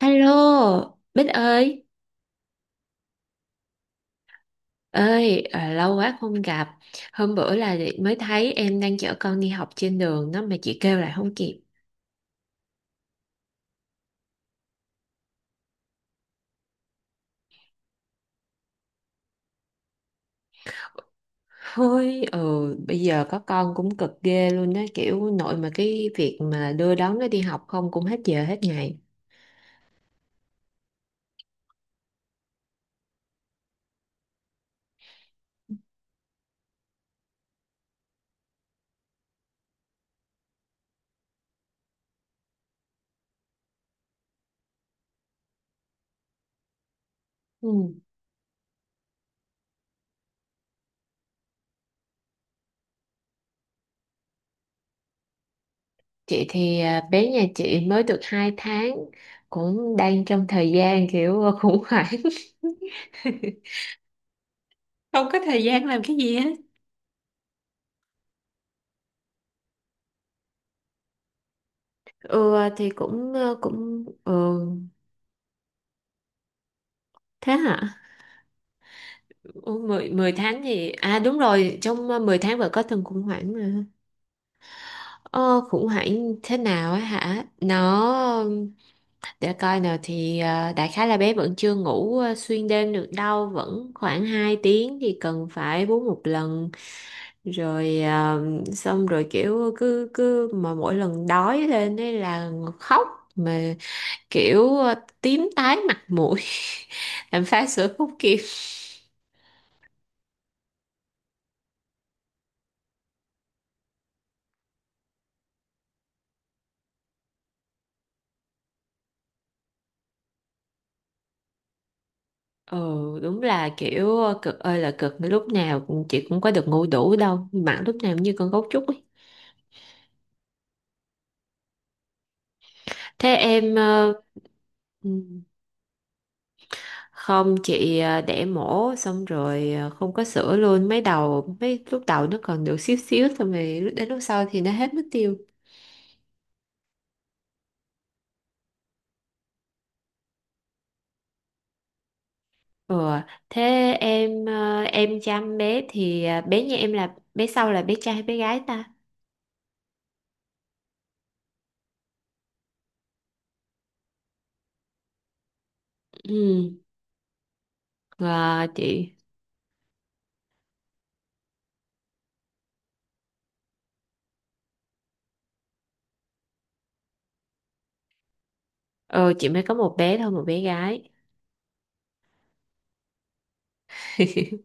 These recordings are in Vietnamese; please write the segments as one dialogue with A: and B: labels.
A: Hello, Bích ơi. Ơi, à, lâu quá không gặp. Hôm bữa là mới thấy em đang chở con đi học trên đường đó mà chị kêu lại không kịp. Ôi, ừ, bây giờ có con cũng cực ghê luôn đó, kiểu nội mà cái việc mà đưa đón nó đi học không cũng hết giờ hết ngày. Ừ. Chị thì à, bé nhà chị mới được 2 tháng, cũng đang trong thời gian kiểu khủng hoảng. Không có thời gian làm cái gì hết. Ừ thì cũng cũng ừ. Thế hả? Ủa, 10 tháng À đúng rồi, trong 10 tháng vẫn có từng khủng hoảng mà. Ờ, khủng hoảng thế nào á hả? Để coi nào thì đại khái là bé vẫn chưa ngủ xuyên đêm được đâu. Vẫn khoảng 2 tiếng thì cần phải bú một lần. Rồi xong rồi kiểu cứ mà mỗi lần đói lên ấy là khóc. Mà kiểu tím tái mặt mũi. Làm phá sữa không kịp. Ừ, đúng là kiểu cực ơi là cực, lúc nào cũng chị cũng có được ngủ đủ đâu bạn, lúc nào cũng như con gấu trúc ấy. Thế em ừ, không chị đẻ mổ xong rồi không có sữa luôn, mấy lúc đầu nó còn được xíu xíu xong rồi đến lúc sau thì nó hết mất tiêu. Ừ. Thế em em chăm bé thì bé nhà em là bé sau, là bé trai hay bé gái ta? Ừ. Và chị mới có một bé thôi, một bé gái.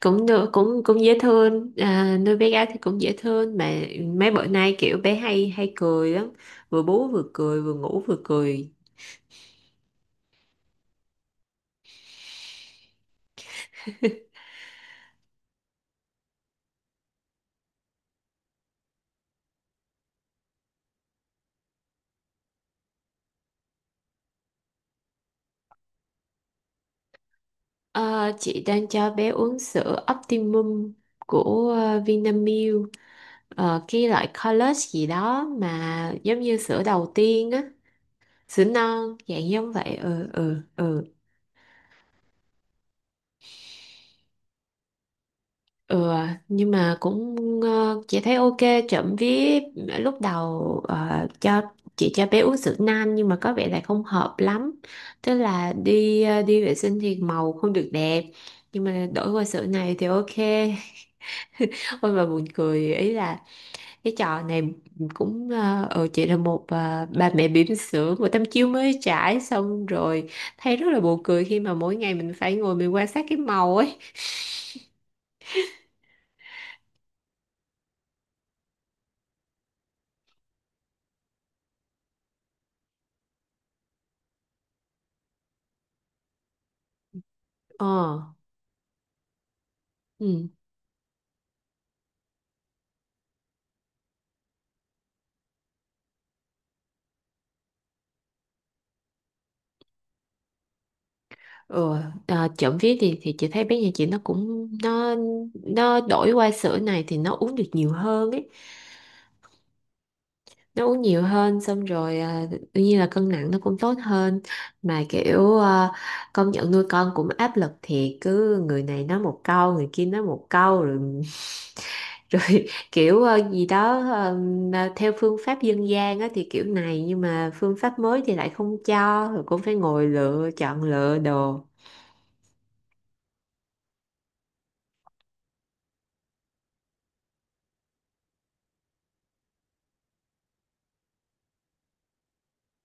A: Cũng được, cũng cũng dễ thương. À, nuôi bé gái thì cũng dễ thương mà, mấy bữa nay kiểu bé hay hay cười lắm, vừa bú vừa cười, vừa ngủ vừa cười. Ờ, chị đang cho bé uống sữa Optimum của Vinamilk. Cái loại college gì đó mà giống như sữa đầu tiên á, sữa non dạng giống vậy. Ừ, ừ, ừ. Ừ, nhưng mà cũng chị thấy ok, trộm vía. Lúc đầu cho chị cho bé uống sữa nan nhưng mà có vẻ là không hợp lắm, tức là đi vệ sinh thì màu không được đẹp, nhưng mà đổi qua sữa này thì ok. Ôi mà buồn cười ý là cái trò này, cũng chị là một bà mẹ bỉm sữa của Tâm Chiêu mới trải xong rồi, thấy rất là buồn cười khi mà mỗi ngày mình phải ngồi mình quan sát cái màu ấy ờ ừ. Ừ, à, trộm vía thì chị thấy bé nhà chị, nó cũng nó đổi qua sữa này thì nó uống được nhiều hơn ấy, nó uống nhiều hơn. Xong rồi à, tự nhiên là cân nặng nó cũng tốt hơn. Mà kiểu à, công nhận nuôi con cũng áp lực thiệt, cứ người này nói một câu, người kia nói một câu rồi. Rồi kiểu gì đó, mà theo phương pháp dân gian á thì kiểu này, nhưng mà phương pháp mới thì lại không cho, rồi cũng phải ngồi lựa chọn lựa đồ.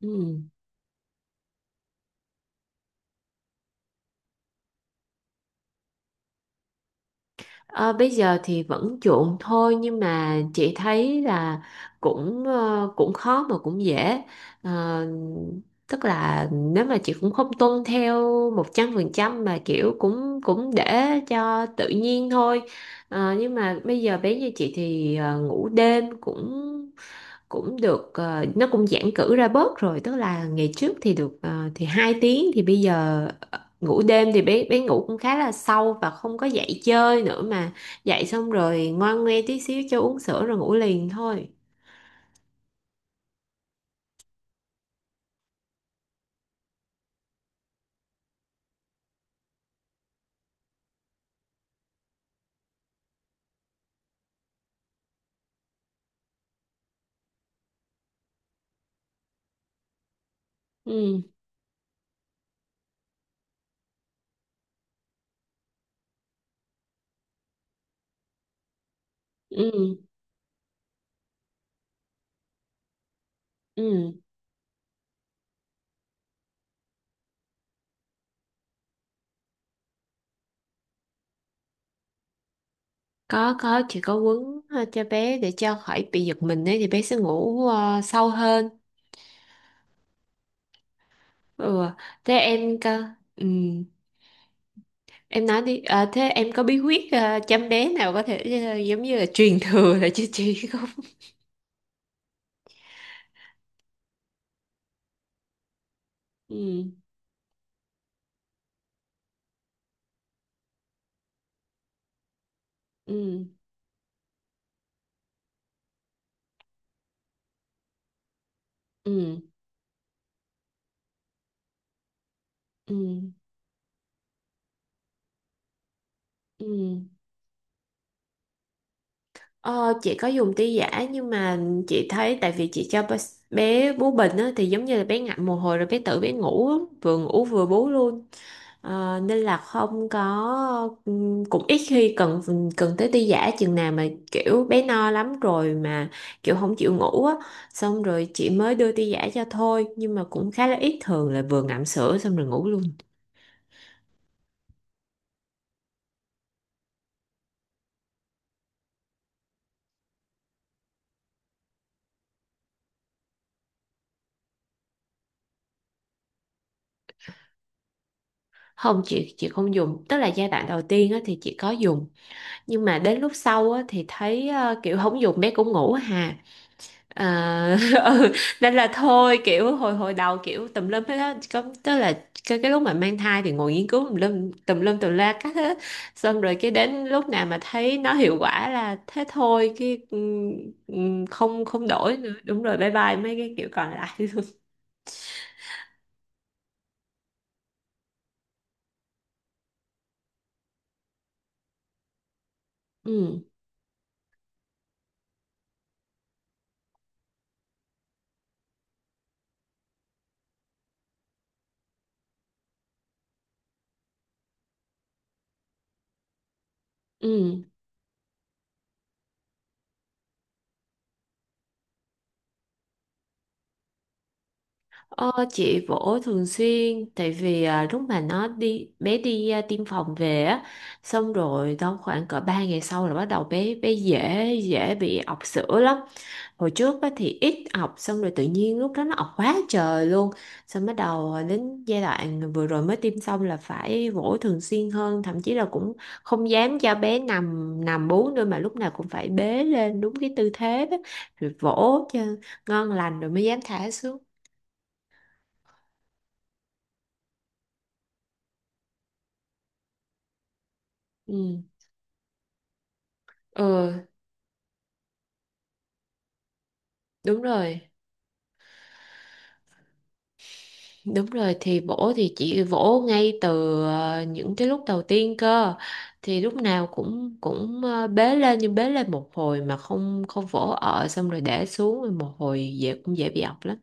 A: Ừ. Ờ, Bây giờ thì vẫn chuộng thôi, nhưng mà chị thấy là cũng cũng khó mà cũng dễ. Ờ, Tức là nếu mà chị cũng không tuân theo 100% mà kiểu cũng cũng để cho tự nhiên thôi. Nhưng mà bây giờ bé như chị thì ngủ đêm cũng cũng được nó cũng giãn cữ ra bớt rồi, tức là ngày trước thì được thì 2 tiếng, thì bây giờ ngủ đêm thì bé bé ngủ cũng khá là sâu và không có dậy chơi nữa mà, dậy xong rồi ngoan nghe tí xíu cho uống sữa rồi ngủ liền thôi. Ừ, ừ, ừ. Có, chỉ có quấn cho bé để cho khỏi bị giật mình ấy thì bé sẽ ngủ sâu hơn. Ừ, thế em cơ. Ừ. Em nói đi, à, thế em có bí quyết, à, chăm bé nào có thể, à, giống như là truyền thừa để cho chị không? Ừ, ừ, ừ, ừ, ừ. Ờ, chị có dùng ti giả nhưng mà chị thấy tại vì chị cho bé bé bú bình á, thì giống như là bé ngậm một hồi rồi bé tự ngủ á, vừa ngủ vừa bú luôn. Nên là không có cũng ít khi cần cần tới ti giả chừng nào mà kiểu bé no lắm rồi mà kiểu không chịu ngủ á, xong rồi chị mới đưa ti giả cho thôi, nhưng mà cũng khá là ít, thường là vừa ngậm sữa xong rồi ngủ luôn. Không, chị không dùng, tức là giai đoạn đầu tiên á thì chị có dùng, nhưng mà đến lúc sau á thì thấy kiểu không dùng bé cũng ngủ hà. À, ừ. Nên là thôi kiểu hồi hồi đầu kiểu tùm lum hết á, có tức là cái lúc mà mang thai thì ngồi nghiên cứu tùm lum tùm lum tùm la các hết. Xong rồi cái đến lúc nào mà thấy nó hiệu quả là thế thôi. Cái không không đổi nữa, đúng rồi, bye bye mấy cái kiểu còn lại luôn. Ừ, ừ. Ờ, chị vỗ thường xuyên, tại vì à, lúc mà nó đi bé đi à, tiêm phòng về á, xong rồi trong khoảng cỡ 3 ngày sau là bắt đầu bé bé dễ dễ bị ọc sữa lắm. Hồi trước á, thì ít học xong rồi tự nhiên lúc đó nó học quá trời luôn. Xong bắt đầu đến giai đoạn vừa rồi mới tiêm xong là phải vỗ thường xuyên hơn, thậm chí là cũng không dám cho bé nằm nằm bú nữa, mà lúc nào cũng phải bế lên đúng cái tư thế đó, rồi vỗ cho ngon lành rồi mới dám thả xuống. Ừ, ừ, đúng rồi. Đúng rồi, thì chị vỗ ngay từ những cái lúc đầu tiên cơ, thì lúc nào cũng cũng ờ, bế lên, nhưng bế lên một hồi mà không không vỗ ở xong rồi để xuống rồi một hồi dễ cũng dễ bị ọc lắm.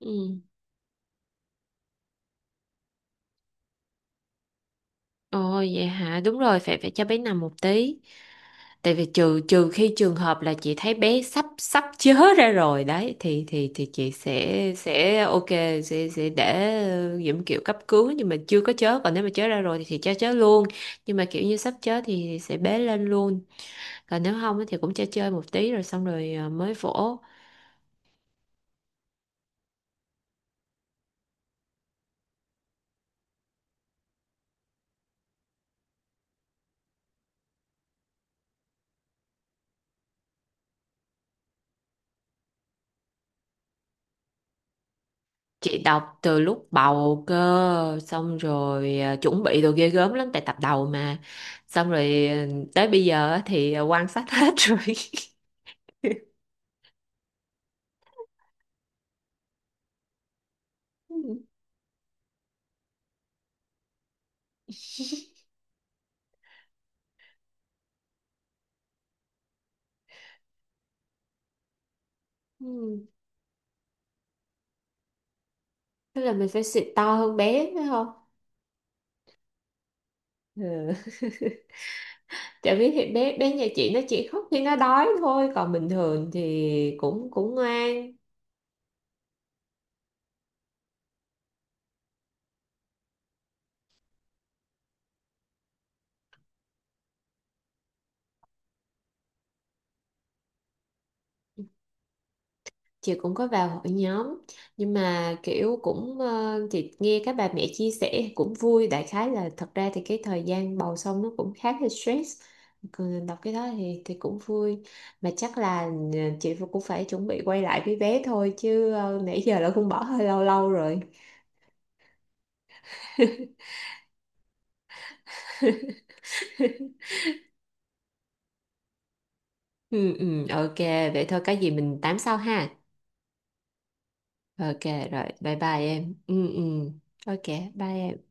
A: Ừ. Ồ vậy hả? Đúng rồi, phải phải cho bé nằm một tí. Tại vì trừ trừ khi trường hợp là chị thấy bé sắp sắp chớ ra rồi đấy thì chị sẽ ok, sẽ để những kiểu cấp cứu, nhưng mà chưa có chớ, còn nếu mà chớ ra rồi thì cho chớ luôn, nhưng mà kiểu như sắp chớ thì sẽ bế lên luôn, còn nếu không á thì cũng cho chơi một tí rồi xong rồi à, mới vỗ. Chị đọc từ lúc bầu cơ, xong rồi à, chuẩn bị đồ ghê gớm lắm tại tập đầu mà, xong rồi à, tới bây giờ á thì à, quan sát hết rồi. Ừ. Thế là mình phải xịt to hơn bé phải không? Ừ. Tại vì thì bé bé nhà chị nó chỉ khóc khi nó đói thôi, còn bình thường thì cũng cũng ngoan. Chị cũng có vào hội nhóm, nhưng mà kiểu cũng chị nghe các bà mẹ chia sẻ cũng vui, đại khái là thật ra thì cái thời gian bầu xong nó cũng khá là stress, còn đọc cái đó thì cũng vui. Mà chắc là chị cũng phải chuẩn bị quay lại với bé thôi chứ, nãy giờ là cũng bỏ hơi lâu lâu rồi. Ừ, ừ, ok, vậy thôi có gì mình tám sau ha. Ok, rồi, bye bye em. Ừ, ừ, ok, bye em.